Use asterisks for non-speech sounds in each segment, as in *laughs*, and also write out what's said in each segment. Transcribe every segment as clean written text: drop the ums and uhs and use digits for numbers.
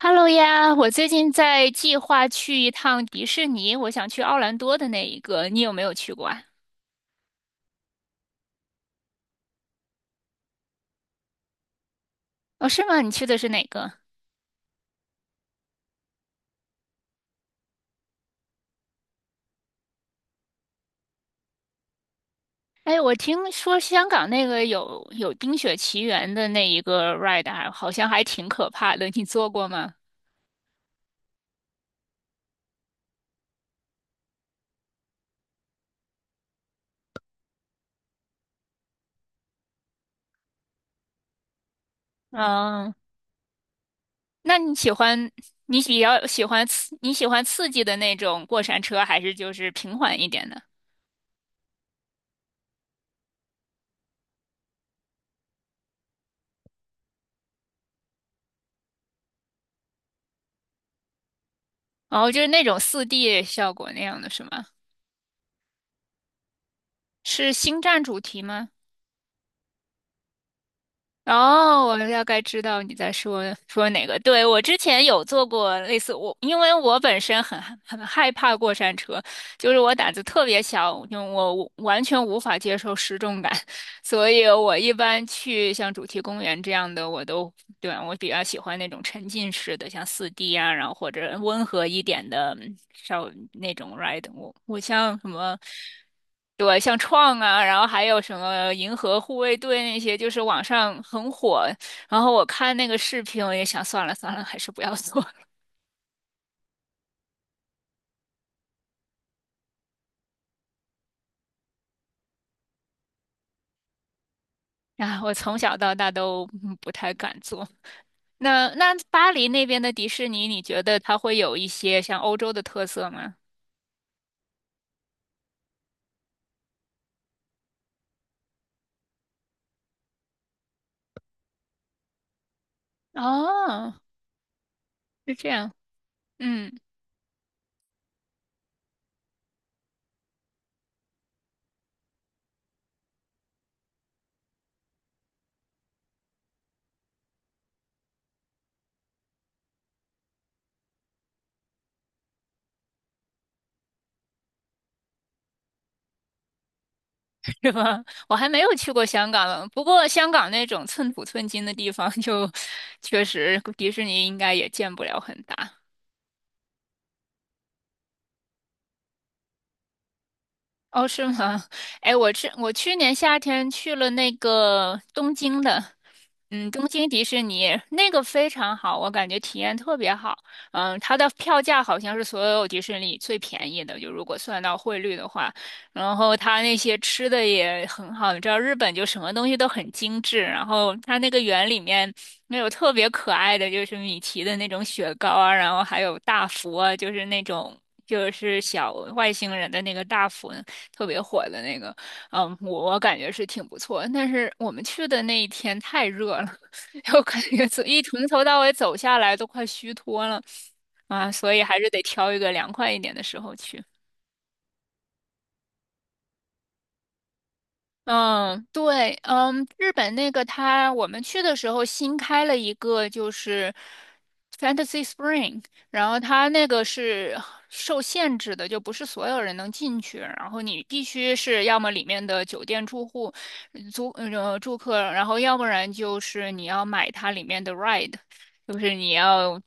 Hello 呀，我最近在计划去一趟迪士尼，我想去奥兰多的那一个，你有没有去过啊？哦，是吗？你去的是哪个？哎，我听说香港那个有《冰雪奇缘》的那一个 ride，还好像还挺可怕的，你坐过吗？嗯，那你喜欢你比较喜欢刺你喜欢刺激的那种过山车，还是就是平缓一点的？哦，就是那种四 d 效果那样的是吗？是星战主题吗？哦，我大概知道你在说哪个。对，我之前有坐过类似我，因为我本身很害怕过山车，就是我胆子特别小，因为我完全无法接受失重感，所以我一般去像主题公园这样的，我都，对，我比较喜欢那种沉浸式的，像四 d 啊，然后或者温和一点的，稍那种 ride。我像什么，对，像创啊，然后还有什么银河护卫队那些，就是网上很火。然后我看那个视频，我也想算了算了，还是不要做。*laughs* 啊，我从小到大都不太敢做。那巴黎那边的迪士尼，你觉得它会有一些像欧洲的特色吗？哦，是这样，嗯，*laughs* 是吧？我还没有去过香港了，不过香港那种寸土寸金的地方就 *laughs*，确实迪士尼应该也建不了很大。哦，是吗？哎，我去年夏天去了那个东京的，嗯，东京迪士尼那个非常好，我感觉体验特别好。嗯，它的票价好像是所有迪士尼里最便宜的，就如果算到汇率的话。然后它那些吃的也很好，你知道日本就什么东西都很精致。然后它那个园里面那有特别可爱的，就是米奇的那种雪糕啊，然后还有大福啊，就是那种。就是小外星人的那个大福，特别火的那个，嗯，我感觉是挺不错。但是我们去的那一天太热了，*laughs* 我感觉从头到尾走下来都快虚脱了啊，所以还是得挑一个凉快一点的时候去。嗯，对，嗯，日本那个它，我们去的时候新开了一个，就是 Fantasy Spring，然后它那个是受限制的，就不是所有人能进去，然后你必须是要么里面的酒店住户、住客，然后要不然就是你要买它里面的 ride，就是你要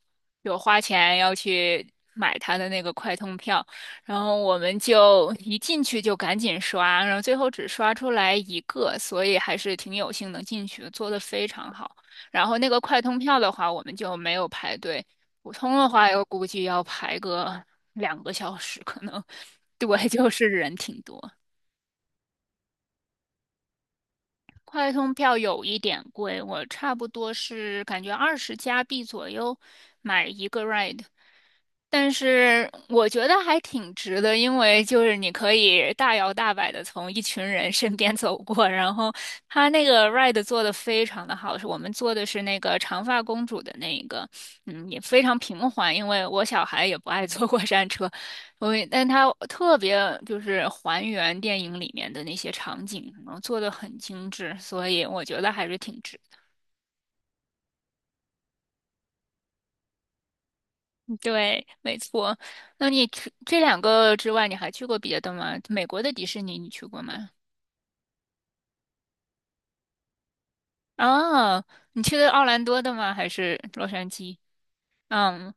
有花钱要去买它的那个快通票。然后我们就一进去就赶紧刷，然后最后只刷出来一个，所以还是挺有幸能进去的，做的非常好。然后那个快通票的话，我们就没有排队，普通的话我估计要排个2个小时，可能，*laughs* 对，就是人挺多。快通票有一点贵，我差不多是感觉20加币左右买一个 ride。但是我觉得还挺值的，因为就是你可以大摇大摆的从一群人身边走过，然后他那个 ride 做的非常的好，是我们做的是那个长发公主的那一个，嗯，也非常平缓，因为我小孩也不爱坐过山车，所以但他特别就是还原电影里面的那些场景，然后做的很精致，所以我觉得还是挺值。对，没错。那你除这两个之外，你还去过别的吗？美国的迪士尼你去过吗？哦，你去的奥兰多的吗？还是洛杉矶？嗯，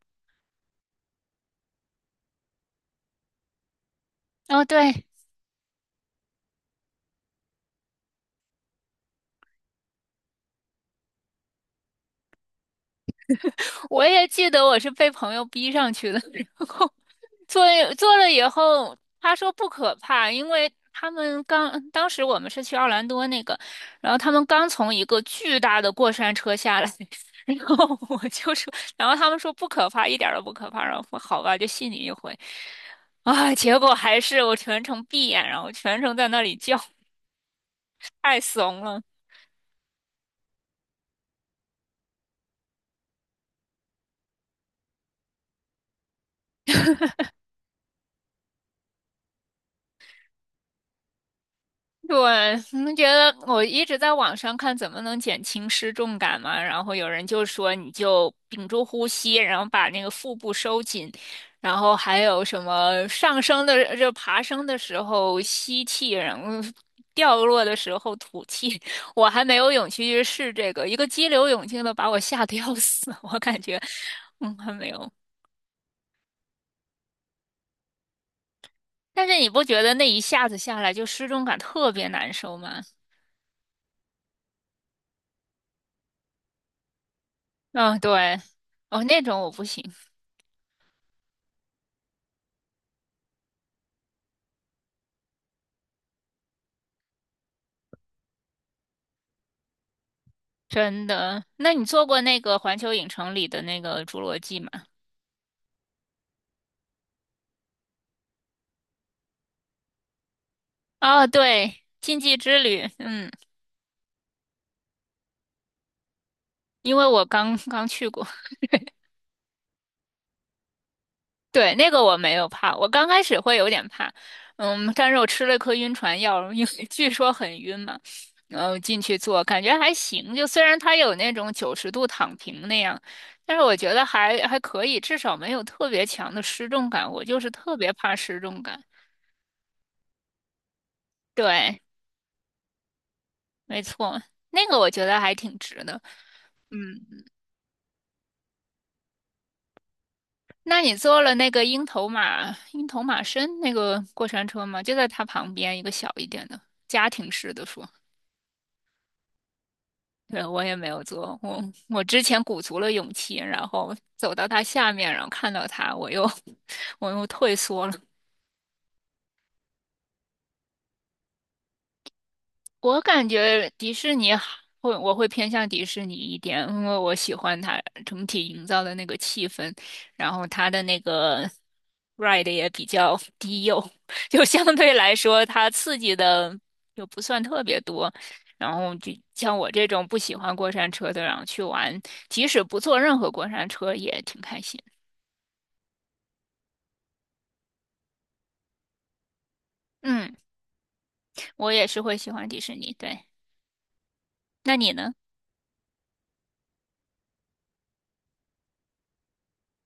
哦，对，我也记得我是被朋友逼上去的，*laughs* 然后。做了以后，他说不可怕，因为他们刚当时我们是去奥兰多那个，然后他们刚从一个巨大的过山车下来，*laughs* 然后我就说，然后他们说不可怕，一点儿都不可怕，然后我说好吧，就信你一回，啊，结果还是我全程闭眼，然后全程在那里叫，太怂了。对，*laughs* 你觉得我一直在网上看怎么能减轻失重感嘛，然后有人就说你就屏住呼吸，然后把那个腹部收紧，然后还有什么上升的就爬升的时候吸气，然后掉落的时候吐气。*laughs* 我还没有勇气去试这个，一个激流勇进的把我吓得要死，*laughs* 我感觉，嗯，还没有。但是你不觉得那一下子下来就失重感特别难受吗？嗯，对，哦，那种我不行。真的？那你做过那个环球影城里的那个侏罗纪吗？哦，对，禁忌之旅，嗯，因为我刚刚去过，对，那个我没有怕，我刚开始会有点怕，嗯，但是我吃了一颗晕船药，因为 *laughs* 据说很晕嘛，然后进去坐，感觉还行，就虽然它有那种90度躺平那样，但是我觉得还可以，至少没有特别强的失重感，我就是特别怕失重感，对，没错，那个我觉得还挺值的。嗯，那你坐了那个鹰头马身那个过山车吗？就在它旁边一个小一点的家庭式的说，对，我也没有坐，我之前鼓足了勇气，然后走到它下面，然后看到它，我又 *laughs* 我又退缩了。我感觉迪士尼好会，我会偏向迪士尼一点，因为我喜欢它整体营造的那个气氛，然后它的那个 ride 也比较低幼，*laughs* 就相对来说它刺激的又不算特别多。然后就像我这种不喜欢过山车的，然后去玩，即使不坐任何过山车也挺开心。嗯，我也是会喜欢迪士尼，对。那你呢？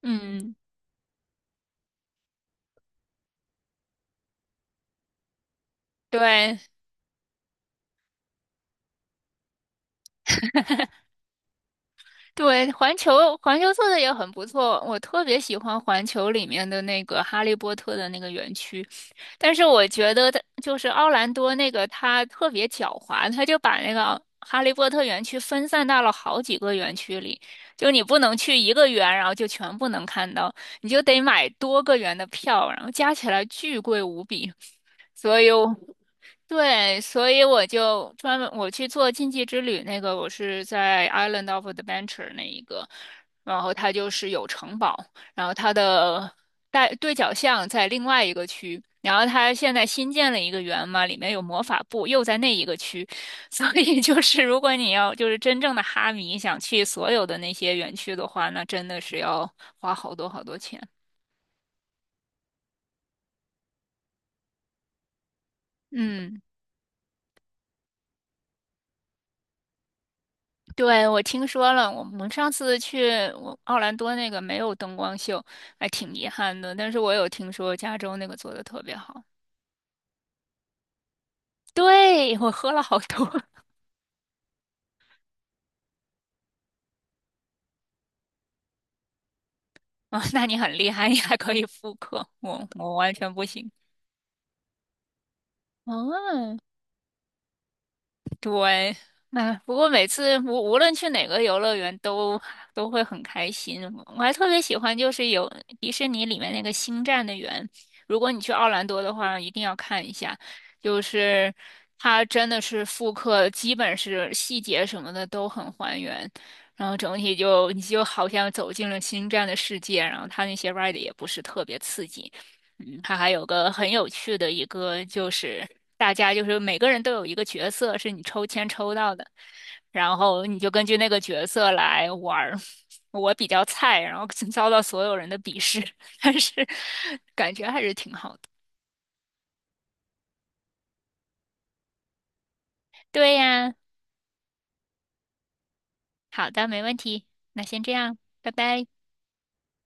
嗯，对。对，环球做的也很不错，我特别喜欢环球里面的那个哈利波特的那个园区，但是我觉得它就是奥兰多那个它特别狡猾，它就把那个哈利波特园区分散到了好几个园区里，就你不能去一个园，然后就全部能看到，你就得买多个园的票，然后加起来巨贵无比，所以我对，所以我就专门我去做禁忌之旅那个，我是在 Island of Adventure 那一个，然后它就是有城堡，然后它的带对角巷在另外一个区，然后它现在新建了一个园嘛，里面有魔法部，又在那一个区，*laughs* 所以就是如果你要就是真正的哈迷想去所有的那些园区的话，那真的是要花好多好多钱。嗯。对，我听说了，我们上次去我奥兰多那个没有灯光秀，还挺遗憾的。但是我有听说加州那个做的特别好。对，我喝了好多 *laughs* 啊，那你很厉害，你还可以复刻，我完全不行。哦，对，嗯，不过每次无论去哪个游乐园都会很开心。我还特别喜欢就是有迪士尼里面那个星战的园，如果你去奥兰多的话，一定要看一下，就是它真的是复刻，基本是细节什么的都很还原，然后整体就你就好像走进了星战的世界，然后它那些 r i d 也不是特别刺激。嗯，它还有个很有趣的一个，就是大家就是每个人都有一个角色是你抽签抽到的，然后你就根据那个角色来玩儿。*laughs* 我比较菜，然后遭到所有人的鄙视，*laughs* 但是感觉还是挺好的。对呀，好的，没问题，那先这样，拜拜。